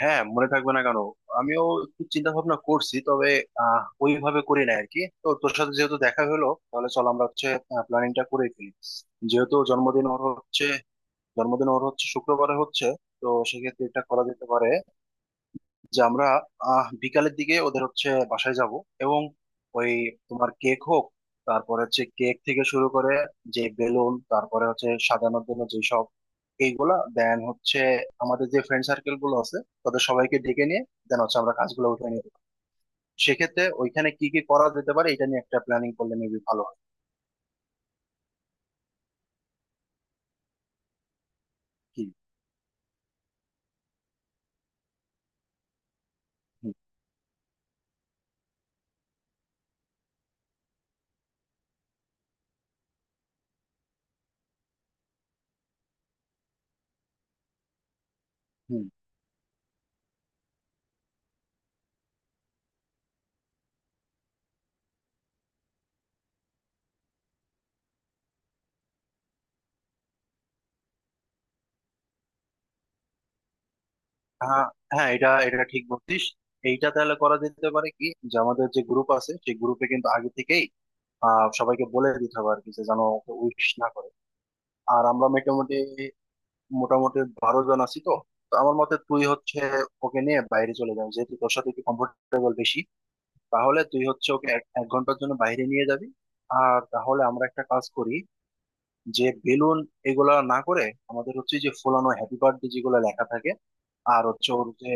হ্যাঁ, মনে থাকবে না কেন? আমিও একটু চিন্তা ভাবনা করছি, তবে ওইভাবে করি না আর কি। তো তোর সাথে যেহেতু দেখা হলো, তাহলে চল আমরা হচ্ছে প্ল্যানিংটা করে ফেলি। যেহেতু জন্মদিন ওর হচ্ছে, শুক্রবারে হচ্ছে, তো সেক্ষেত্রে এটা করা যেতে পারে যে আমরা বিকালের দিকে ওদের হচ্ছে বাসায় যাব এবং ওই তোমার কেক হোক। তারপরে হচ্ছে কেক থেকে শুরু করে যে বেলুন, তারপরে হচ্ছে সাজানোর জন্য যেসব এইগুলা, দেন হচ্ছে আমাদের যে ফ্রেন্ড সার্কেল গুলো আছে তাদের সবাইকে ডেকে নিয়ে দেন হচ্ছে আমরা কাজগুলো উঠে নিয়ে যাবো। সেক্ষেত্রে ওইখানে কি কি করা যেতে পারে এটা নিয়ে একটা প্ল্যানিং করলে মেবি ভালো হয়, কি? হুম হুম। হ্যাঁ হ্যাঁ, এটা এটা ঠিক বলছিস। এইটা তাহলে করা যেতে পারে কি, যে আমাদের যে গ্রুপ আছে সেই গ্রুপে কিন্তু আগে থেকেই সবাইকে বলে দিতে হবে আর কি, যে যেন ওকে উইশ না করে। আর আমরা মোটামুটি মোটামুটি 12 জন আছি তো। তো আমার মতে তুই হচ্ছে ওকে নিয়ে বাইরে চলে যাবি, যেহেতু তোর সাথে একটু কমফোর্টেবল বেশি। তাহলে তুই হচ্ছে ওকে এক এক ঘন্টার জন্য বাইরে নিয়ে যাবি। আর তাহলে আমরা একটা কাজ করি, যে বেলুন এগুলা না করে আমাদের হচ্ছে যে ফোলানো হ্যাপি বার্থডে যেগুলো লেখা থাকে, আর হচ্ছে ওর যে,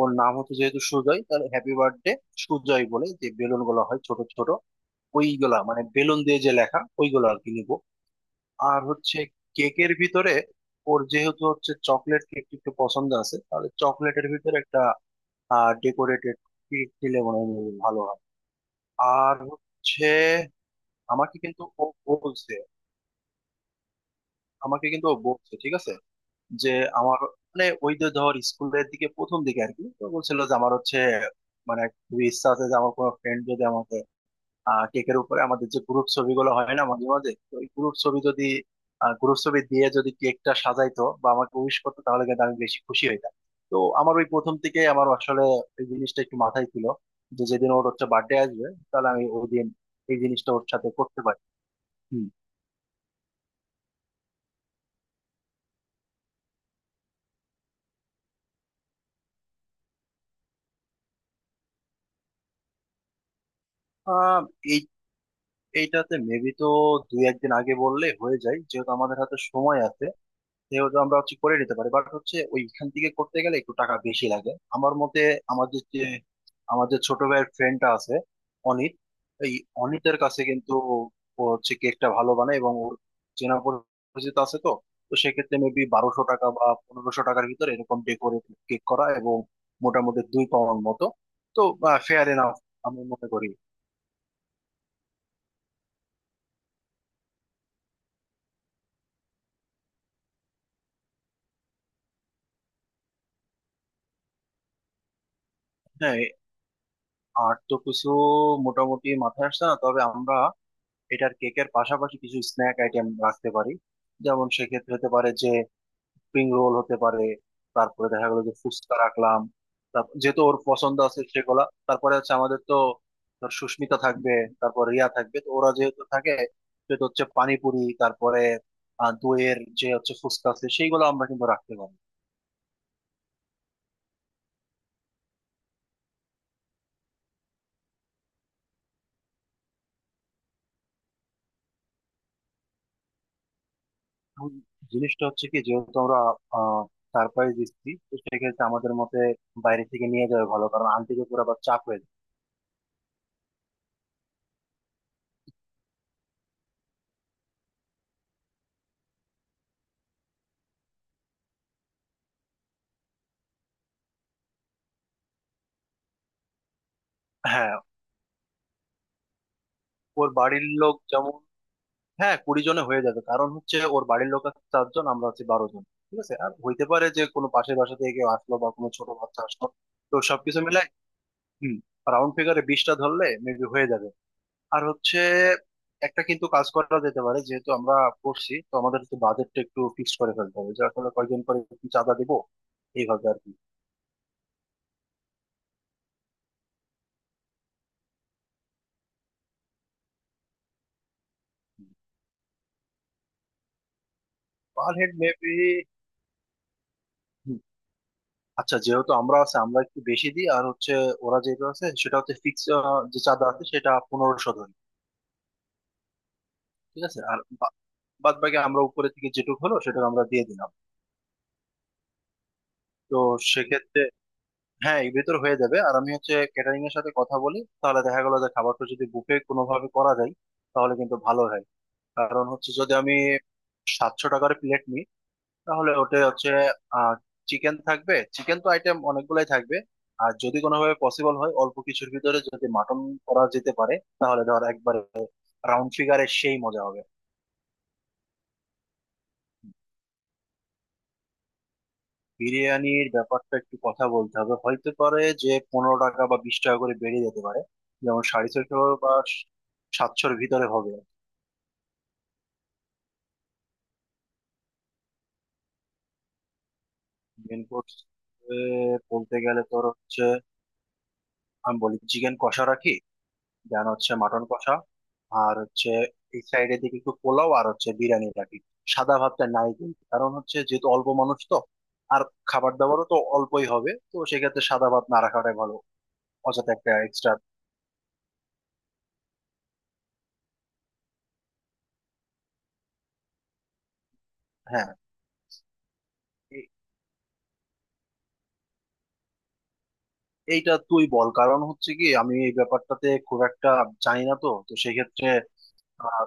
ওর নাম হচ্ছে যেহেতু সুজয়, তাহলে হ্যাপি বার্থডে সুজয় বলে যে বেলুন গুলো হয় ছোট ছোট, ওইগুলা মানে বেলুন দিয়ে যে লেখা ওইগুলো আর কি নিবো। আর হচ্ছে কেকের ভিতরে, ওর যেহেতু হচ্ছে চকলেট কেক একটু পছন্দ আছে, তাহলে চকলেটের ভিতরে একটা ডেকোরেটেড কেক দিলে মনে হয় ভালো হয়। আর হচ্ছে আমাকে কিন্তু ও বলছে, ঠিক আছে, যে আমার, মানে ওই যে ধর স্কুলের দিকে প্রথম দিকে আর কি, তো বলছিল যে আমার হচ্ছে, মানে খুবই ইচ্ছা আছে যে আমার কোনো ফ্রেন্ড যদি আমাকে কেকের উপরে আমাদের যে গ্রুপ ছবিগুলো হয় না মাঝে মাঝে, তো এই গ্রুপ ছবি দিয়ে যদি কেকটা সাজাইতো বা আমাকে উইশ করতো, তাহলে কিন্তু আমি বেশি খুশি হইতাম। তো আমার ওই প্রথম থেকে আমার আসলে এই জিনিসটা একটু মাথায় ছিল, যে যেদিন ওর হচ্ছে বার্থডে আসবে তাহলে আমি ওই দিন এই জিনিসটা ওর সাথে করতে পারি। হুম। আহ এই এইটাতে মেবি তো দুই একদিন আগে বললে হয়ে যায়, যেহেতু আমাদের হাতে সময় আছে। যেহেতু আমরা হচ্ছে করে নিতে পারি, বাট হচ্ছে ওইখান থেকে করতে গেলে একটু টাকা বেশি লাগে আমার মতে। আমাদের যে আমাদের ছোট ভাইয়ের ফ্রেন্ডটা আছে, অনিত, এই অনিতের কাছে কিন্তু, ও হচ্ছে কেকটা ভালো বানায় এবং ওর চেনা পরিচিত আছে তো। তো সেক্ষেত্রে মেবি 1200 টাকা বা পনেরোশো টাকার ভিতরে এরকম ডেকোরেট কেক করা, এবং মোটামুটি 2 পাউন্ড মতো। তো ফেয়ার এনাফ আমি মনে করি। হ্যাঁ, আর তো কিছু মোটামুটি মাথায় আসছে না, তবে আমরা এটার কেকের পাশাপাশি কিছু স্ন্যাক আইটেম রাখতে পারি। যেমন সেক্ষেত্রে হতে পারে যে স্প্রিং রোল হতে পারে, তারপরে দেখা গেলো যে ফুচকা রাখলাম, তারপর যেহেতু ওর পছন্দ আছে সেগুলা, তারপরে হচ্ছে আমাদের তো ধর সুস্মিতা থাকবে, তারপর রিয়া থাকবে, তো ওরা যেহেতু থাকে সেহেতু হচ্ছে পানিপুরি, তারপরে দইয়ের যে হচ্ছে ফুচকা আছে সেইগুলো আমরা কিন্তু রাখতে পারি। এখন জিনিসটা হচ্ছে কি, যেহেতু আমরা সারপ্রাইজ দিচ্ছি তো সেক্ষেত্রে আমাদের মতে বাইরে থেকে নিয়ে যাওয়া ভালো, কারণ আনতে গিয়ে পুরো আবার চাপ হয়ে যায়। হ্যাঁ, ওর বাড়ির লোক যেমন, হ্যাঁ 20 জনে হয়ে যাবে, কারণ হচ্ছে ওর বাড়ির লোক আছে চারজন, আমরা আছি 12 জন। ঠিক আছে, আর হইতে পারে যে কোনো পাশের বাসা থেকে কেউ আসলো বা কোনো ছোট বাচ্চা আসলো, তো সবকিছু মিলাই, হুম, রাউন্ড ফিগারে 20টা ধরলে মেবি হয়ে যাবে। আর হচ্ছে একটা কিন্তু কাজ করা যেতে পারে, যেহেতু আমরা করছি তো আমাদের তো বাজেটটা একটু ফিক্স করে ফেলতে হবে, যে আসলে কয়জন করে কি চাঁদা দিব এইভাবে আর কি। পার হেড মেবি, আচ্ছা যেহেতু আমরা আছে আমরা একটু বেশি দিই, আর হচ্ছে ওরা যেটা আছে সেটা হচ্ছে ফিক্স, যে চাঁদা আছে সেটা 1500 ধরি। ঠিক আছে, আর বাদ বাকি আমরা উপরে থেকে যেটুকু হলো সেটা আমরা দিয়ে দিলাম। তো সেক্ষেত্রে হ্যাঁ এর ভিতর হয়ে যাবে। আর আমি হচ্ছে ক্যাটারিং এর সাথে কথা বলি, তাহলে দেখা গেলো যে খাবারটা যদি বুফে কোনোভাবে করা যায় তাহলে কিন্তু ভালো হয়। কারণ হচ্ছে যদি আমি 700 টাকার প্লেট নিই তাহলে ওটা হচ্ছে আহ চিকেন থাকবে, চিকেন তো আইটেম অনেকগুলাই থাকবে, আর যদি কোনোভাবে পসিবল হয় অল্প কিছুর ভিতরে যদি মাটন করা যেতে পারে, তাহলে ধর একবারে রাউন্ড ফিগারে সেই মজা হবে। বিরিয়ানির ব্যাপারটা একটু কথা বলতে হবে, হইতে পারে যে 15 টাকা বা 20 টাকা করে বেড়ে যেতে পারে, যেমন 650 বা 700-এর ভিতরে হবে। মেন কোর্স বলতে গেলে তোর হচ্ছে, আমি বলি চিকেন কষা রাখি, দেন হচ্ছে মাটন কষা, আর হচ্ছে এই সাইডের দিকে একটু পোলাও আর হচ্ছে বিরিয়ানি রাখি। সাদা ভাতটা নাই কিন্তু, কারণ হচ্ছে যেহেতু অল্প মানুষ তো, আর খাবার দাবারও তো অল্পই হবে, তো সেক্ষেত্রে সাদা ভাত না রাখাটাই ভালো, অযথা একটা এক্সট্রা। হ্যাঁ, এ- এইটা তুই বল, কারণ হচ্ছে কি আমি এই ব্যাপারটাতে খুব একটা জানি না তো, তো সেক্ষেত্রে আহ,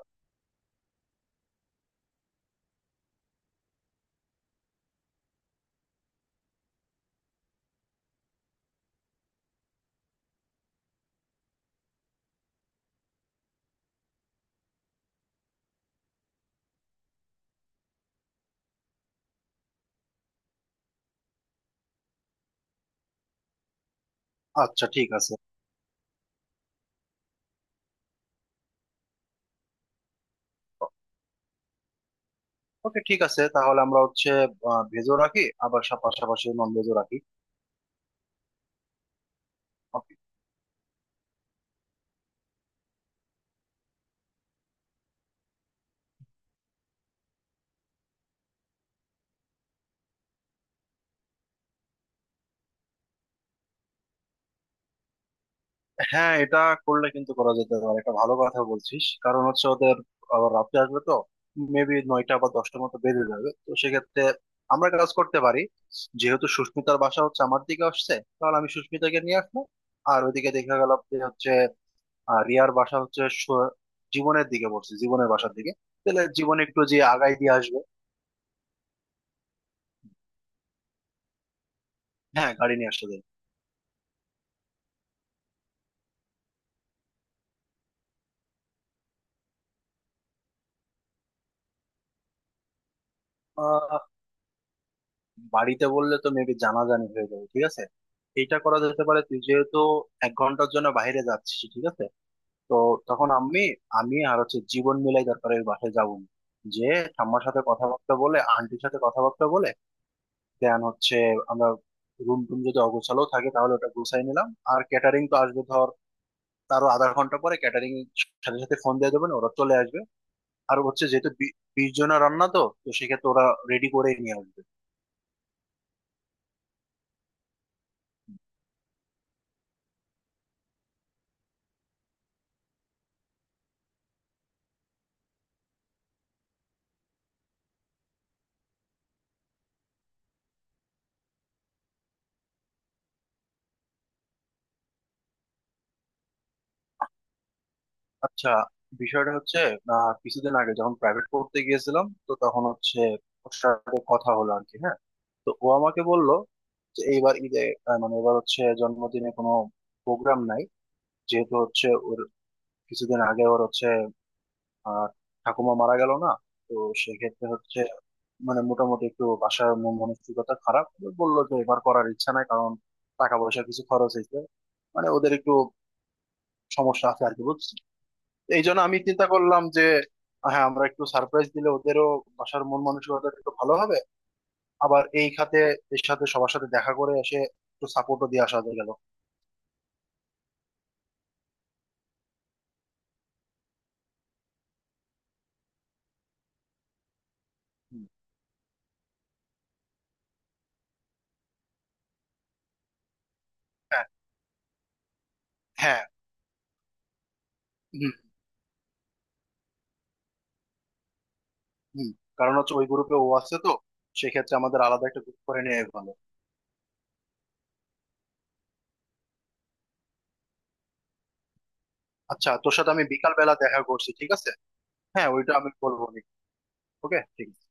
আচ্ছা ঠিক আছে। ওকে ঠিক আছে, তাহলে আমরা হচ্ছে ভেজও রাখি, আবার পাশাপাশি নন ভেজও রাখি। হ্যাঁ, এটা করলে কিন্তু করা যেতে পারে, এটা ভালো কথা বলছিস। কারণ হচ্ছে ওদের আবার রাতে আসবে তো মেবি 9টা বা 10টার মতো বেজে যাবে, তো সেক্ষেত্রে আমরা একটা কাজ করতে পারি। যেহেতু সুস্মিতার বাসা হচ্ছে আমার দিকে আসছে, তাহলে আমি সুস্মিতাকে নিয়ে আসবো। আর ওইদিকে দেখা গেল যে হচ্ছে রিয়ার বাসা হচ্ছে জীবনের দিকে পড়ছে, জীবনের বাসার দিকে, তাহলে জীবন একটু যে আগাই দিয়ে আসবে। হ্যাঁ গাড়ি নিয়ে আসতে দেয়। বাড়িতে বললে তো মেবি জানাজানি হয়ে যাবে ঠিক আছে, এইটা করা যেতে পারে। তুই যেহেতু এক ঘন্টার জন্য বাইরে যাচ্ছিস ঠিক আছে, তো তখন আমি, আর হচ্ছে জীবন মিলাই দরকারের বাসায় যাবো না। যে ঠাম্মার সাথে কথাবার্তা বলে, আন্টির সাথে কথাবার্তা বলে, দেন হচ্ছে আমরা রুম টুম যদি অগোছালো থাকে তাহলে ওটা গুছাই নিলাম। আর ক্যাটারিং তো আসবে ধর তারও আধা ঘন্টা পরে, ক্যাটারিং সাথে সাথে ফোন দিয়ে দেবেন ওরা চলে আসবে। আর হচ্ছে যেহেতু 20 জনের রান্না তো, তো সেক্ষেত্রে ওরা রেডি করেই নিয়ে আসবে। আচ্ছা, বিষয়টা হচ্ছে কিছুদিন আগে যখন প্রাইভেট পড়তে গিয়েছিলাম তো তখন হচ্ছে ওর সাথে কথা হলো আর কি, হ্যাঁ। তো ও আমাকে বলল যে এইবার ঈদে মানে এবার হচ্ছে জন্মদিনে কোনো প্রোগ্রাম নাই, যেহেতু হচ্ছে ওর কিছুদিন আগে ওর হচ্ছে আহ ঠাকুমা মারা গেল না। তো সেক্ষেত্রে হচ্ছে মানে মোটামুটি একটু বাসার মানসিকতা খারাপ। বললো যে এবার করার ইচ্ছা নাই, কারণ টাকা পয়সা কিছু খরচ হয়েছে, মানে ওদের একটু সমস্যা আছে আর কি, বুঝছো? এই জন্য আমি চিন্তা করলাম যে হ্যাঁ আমরা একটু সারপ্রাইজ দিলে ওদেরও বাসার মন মানসিকতা একটু ভালো হবে। আবার এই খাতে এর সাথে সবার সাথে দেখা করে এসে একটু সাপোর্টও দিয়ে আসা গেল। হুম। হ্যাঁ হ্যাঁ। হুম হুম। কারণ হচ্ছে ওই গ্রুপে ও আছে তো, সেক্ষেত্রে আমাদের আলাদা একটা গ্রুপ করে নেওয়া ভালো। আচ্ছা তোর সাথে আমি বিকাল বেলা দেখা করছি ঠিক আছে। হ্যাঁ ওইটা আমি বলবো। ওকে ঠিক আছে।